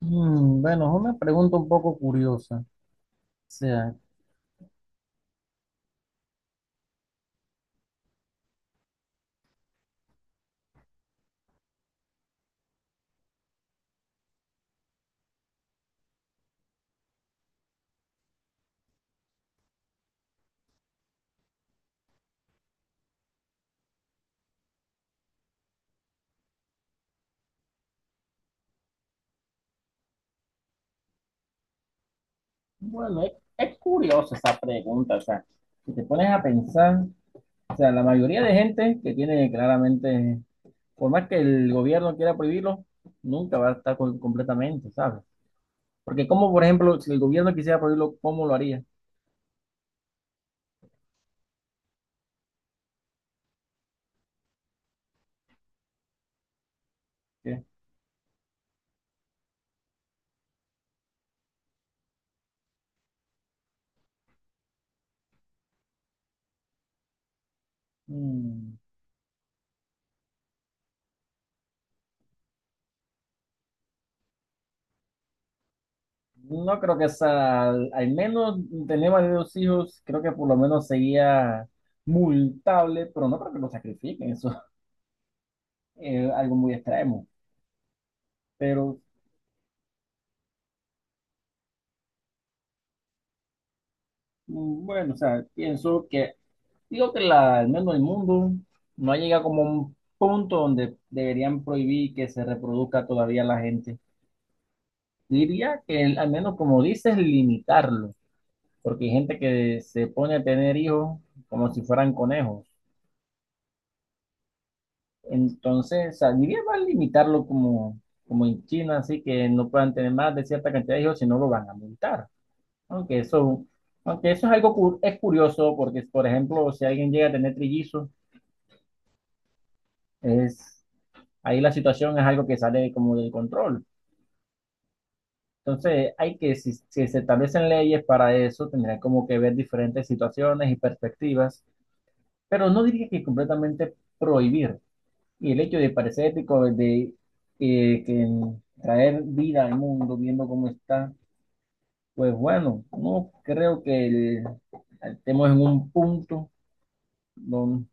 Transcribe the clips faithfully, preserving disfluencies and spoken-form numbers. Mm, bueno, es una pregunta un poco curiosa. O sea, bueno, es, es curiosa esa pregunta. O sea, si te pones a pensar, o sea, la mayoría de gente que tiene claramente, por más que el gobierno quiera prohibirlo, nunca va a estar con- completamente, ¿sabes? Porque como, por ejemplo, si el gobierno quisiera prohibirlo, ¿cómo lo haría? ¿Qué? Mm, no creo que sea, al, al menos tenemos de dos hijos, creo que por lo menos sería multable, pero no creo que lo sacrifiquen, eso es algo muy extremo. Pero mm, bueno, o sea, pienso que, digo que la, al menos el mundo no ha llegado como a un punto donde deberían prohibir que se reproduzca todavía la gente. Diría que el- al menos como dices, limitarlo, porque hay gente que se pone a tener hijos como si fueran conejos. Entonces, o sea, diría más limitarlo como, como en China, así que no puedan tener más de cierta cantidad de hijos, si no lo van a multar. Aunque eso, aunque eso es algo cu- es curioso, porque por ejemplo, si alguien llega a tener trillizos, Es, ahí la situación es algo que sale como del control. Entonces, hay que, si, si se establecen leyes para eso, tendrían como que ver diferentes situaciones y perspectivas, pero no diría que completamente prohibir. Y el hecho de parecer ético de eh, que traer vida al mundo viendo cómo está, pues bueno, no creo que el- estemos en un punto donde.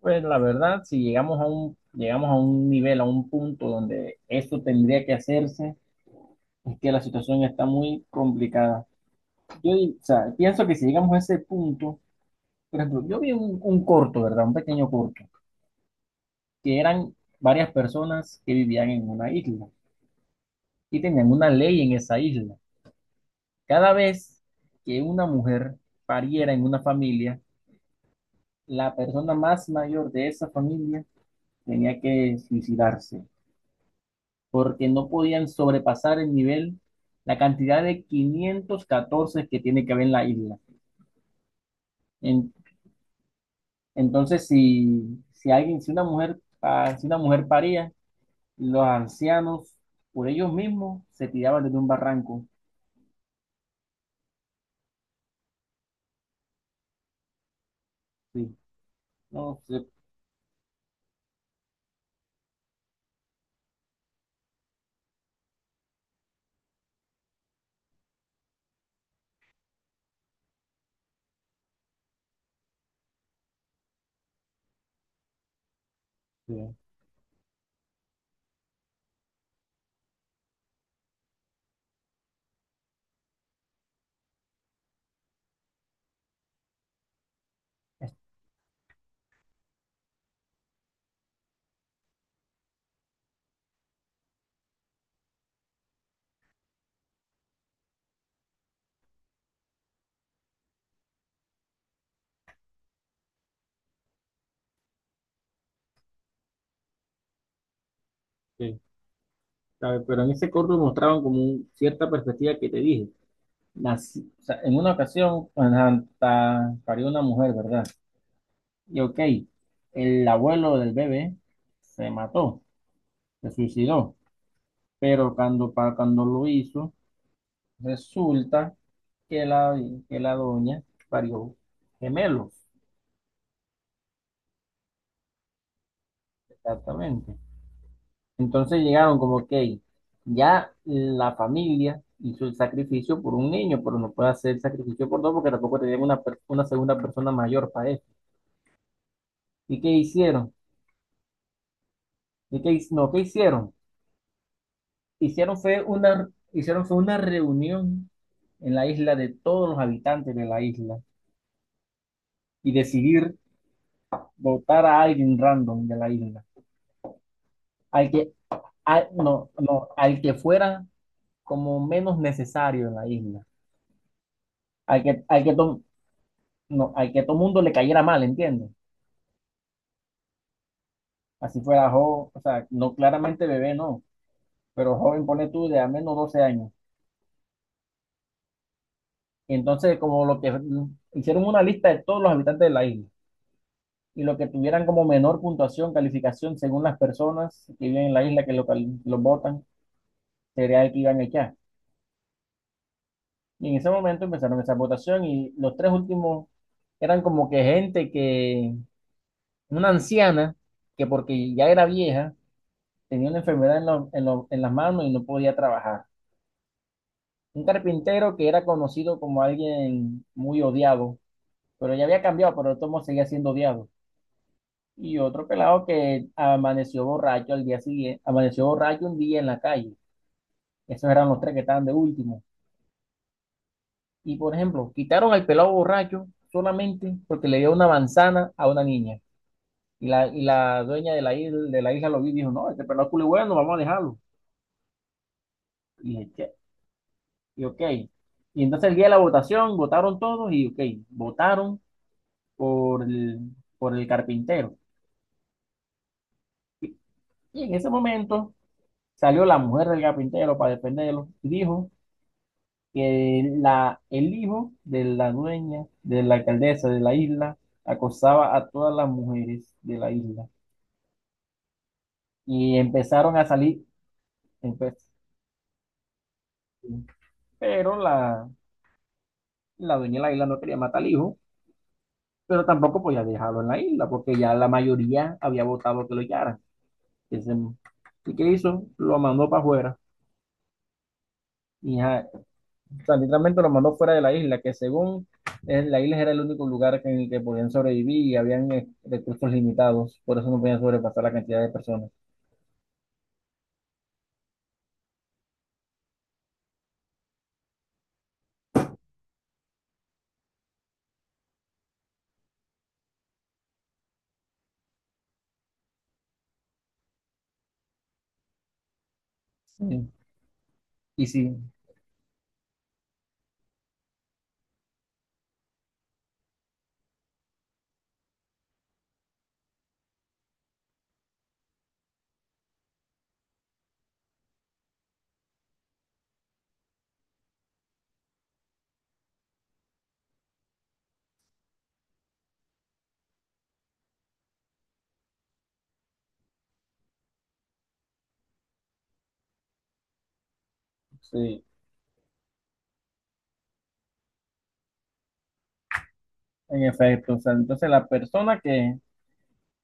Pues la verdad, si llegamos a un, llegamos a un nivel, a un punto donde esto tendría que hacerse, es que la situación está muy complicada. Yo, di- o sea, pienso que si llegamos a ese punto, por ejemplo, yo vi un, un corto, ¿verdad? Un pequeño corto, que eran varias personas que vivían en una isla y tenían una ley en esa isla. Cada vez que una mujer pariera en una familia, la persona más mayor de esa familia tenía que suicidarse, porque no podían sobrepasar el nivel, la cantidad de quinientos catorce que tiene que haber en la isla. En- entonces, si, si alguien, si una mujer, pa- si una mujer paría, los ancianos, por ellos mismos, se tiraban desde un barranco. Sí, no sé. Sí, sí. A ver, pero en ese corto mostraban como un- cierta perspectiva que te dije. Las- o sea, en una ocasión, ajá, pa- parió una mujer, ¿verdad? Y ok, el abuelo del bebé se mató, se suicidó. Pero cuando, pa- cuando lo hizo, resulta que la, que la doña parió gemelos, exactamente. Entonces llegaron como que ya la familia hizo el sacrificio por un niño, pero no puede hacer sacrificio por dos porque tampoco tenían una, per- una segunda persona mayor para eso. ¿Y qué hicieron? ¿Y qué, hic- no, ¿qué hicieron? Hicieron fue una, hicieron fue una reunión en la isla de todos los habitantes de la isla y decidir votar a alguien random de la isla, al que, al- no, no, al que fuera como menos necesario en la isla, al que, al que, to- no, al que todo mundo le cayera mal, ¿entiendes? Así fuera joven, o sea, no claramente bebé, no, pero joven, pone tú de al menos doce años. Y entonces, como lo que hicieron una lista de todos los habitantes de la isla y lo que tuvieran como menor puntuación, calificación según las personas que viven en la isla que lo, cal- lo votan, sería el que iban a echar. Y en ese momento empezaron esa votación y los tres últimos eran como que gente que, una anciana, que porque ya era vieja, tenía una enfermedad en, los- en los- en las manos y no podía trabajar. Un carpintero que era conocido como alguien muy odiado, pero ya había cambiado, pero de todos modos seguía siendo odiado. Y otro pelado que amaneció borracho al día siguiente, amaneció borracho un día en la calle. Esos eran los tres que estaban de último. Y por ejemplo, quitaron al pelado borracho solamente porque le dio una manzana a una niña. Y la, y la dueña de la isla, de la isla lo vi y dijo, no, este pelado es culo bueno, vamos a dejarlo. Y dije, "Che", y ok. Y entonces el día de la votación, votaron todos y ok, votaron por el, por el carpintero. Y en ese momento salió la mujer del carpintero para defenderlo y dijo que la, el hijo de la dueña, de la alcaldesa de la isla, acosaba a todas las mujeres de la isla. Y empezaron a salir, empe- pero la, la dueña de la isla no quería matar al hijo, pero tampoco podía dejarlo en la isla, porque ya la mayoría había votado que lo echaran. ¿Y qué hizo? Lo mandó para afuera. Y ya, o sea, literalmente lo mandó fuera de la isla, que según eh, la isla era el único lugar en el que podían sobrevivir y habían eh, recursos limitados, por eso no podían sobrepasar la cantidad de personas. Sí. Y sí, sí, en efecto. O sea, entonces la persona que,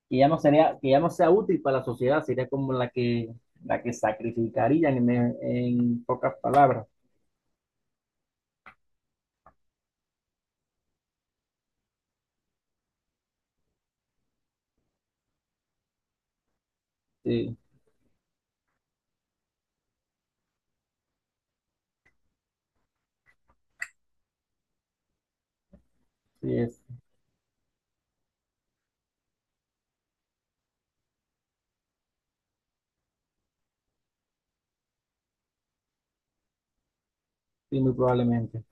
que ya no sería, que ya no sea útil para la sociedad sería como la que, la que sacrificarían en, en pocas palabras. Sí. Sí, es, sí, muy probablemente.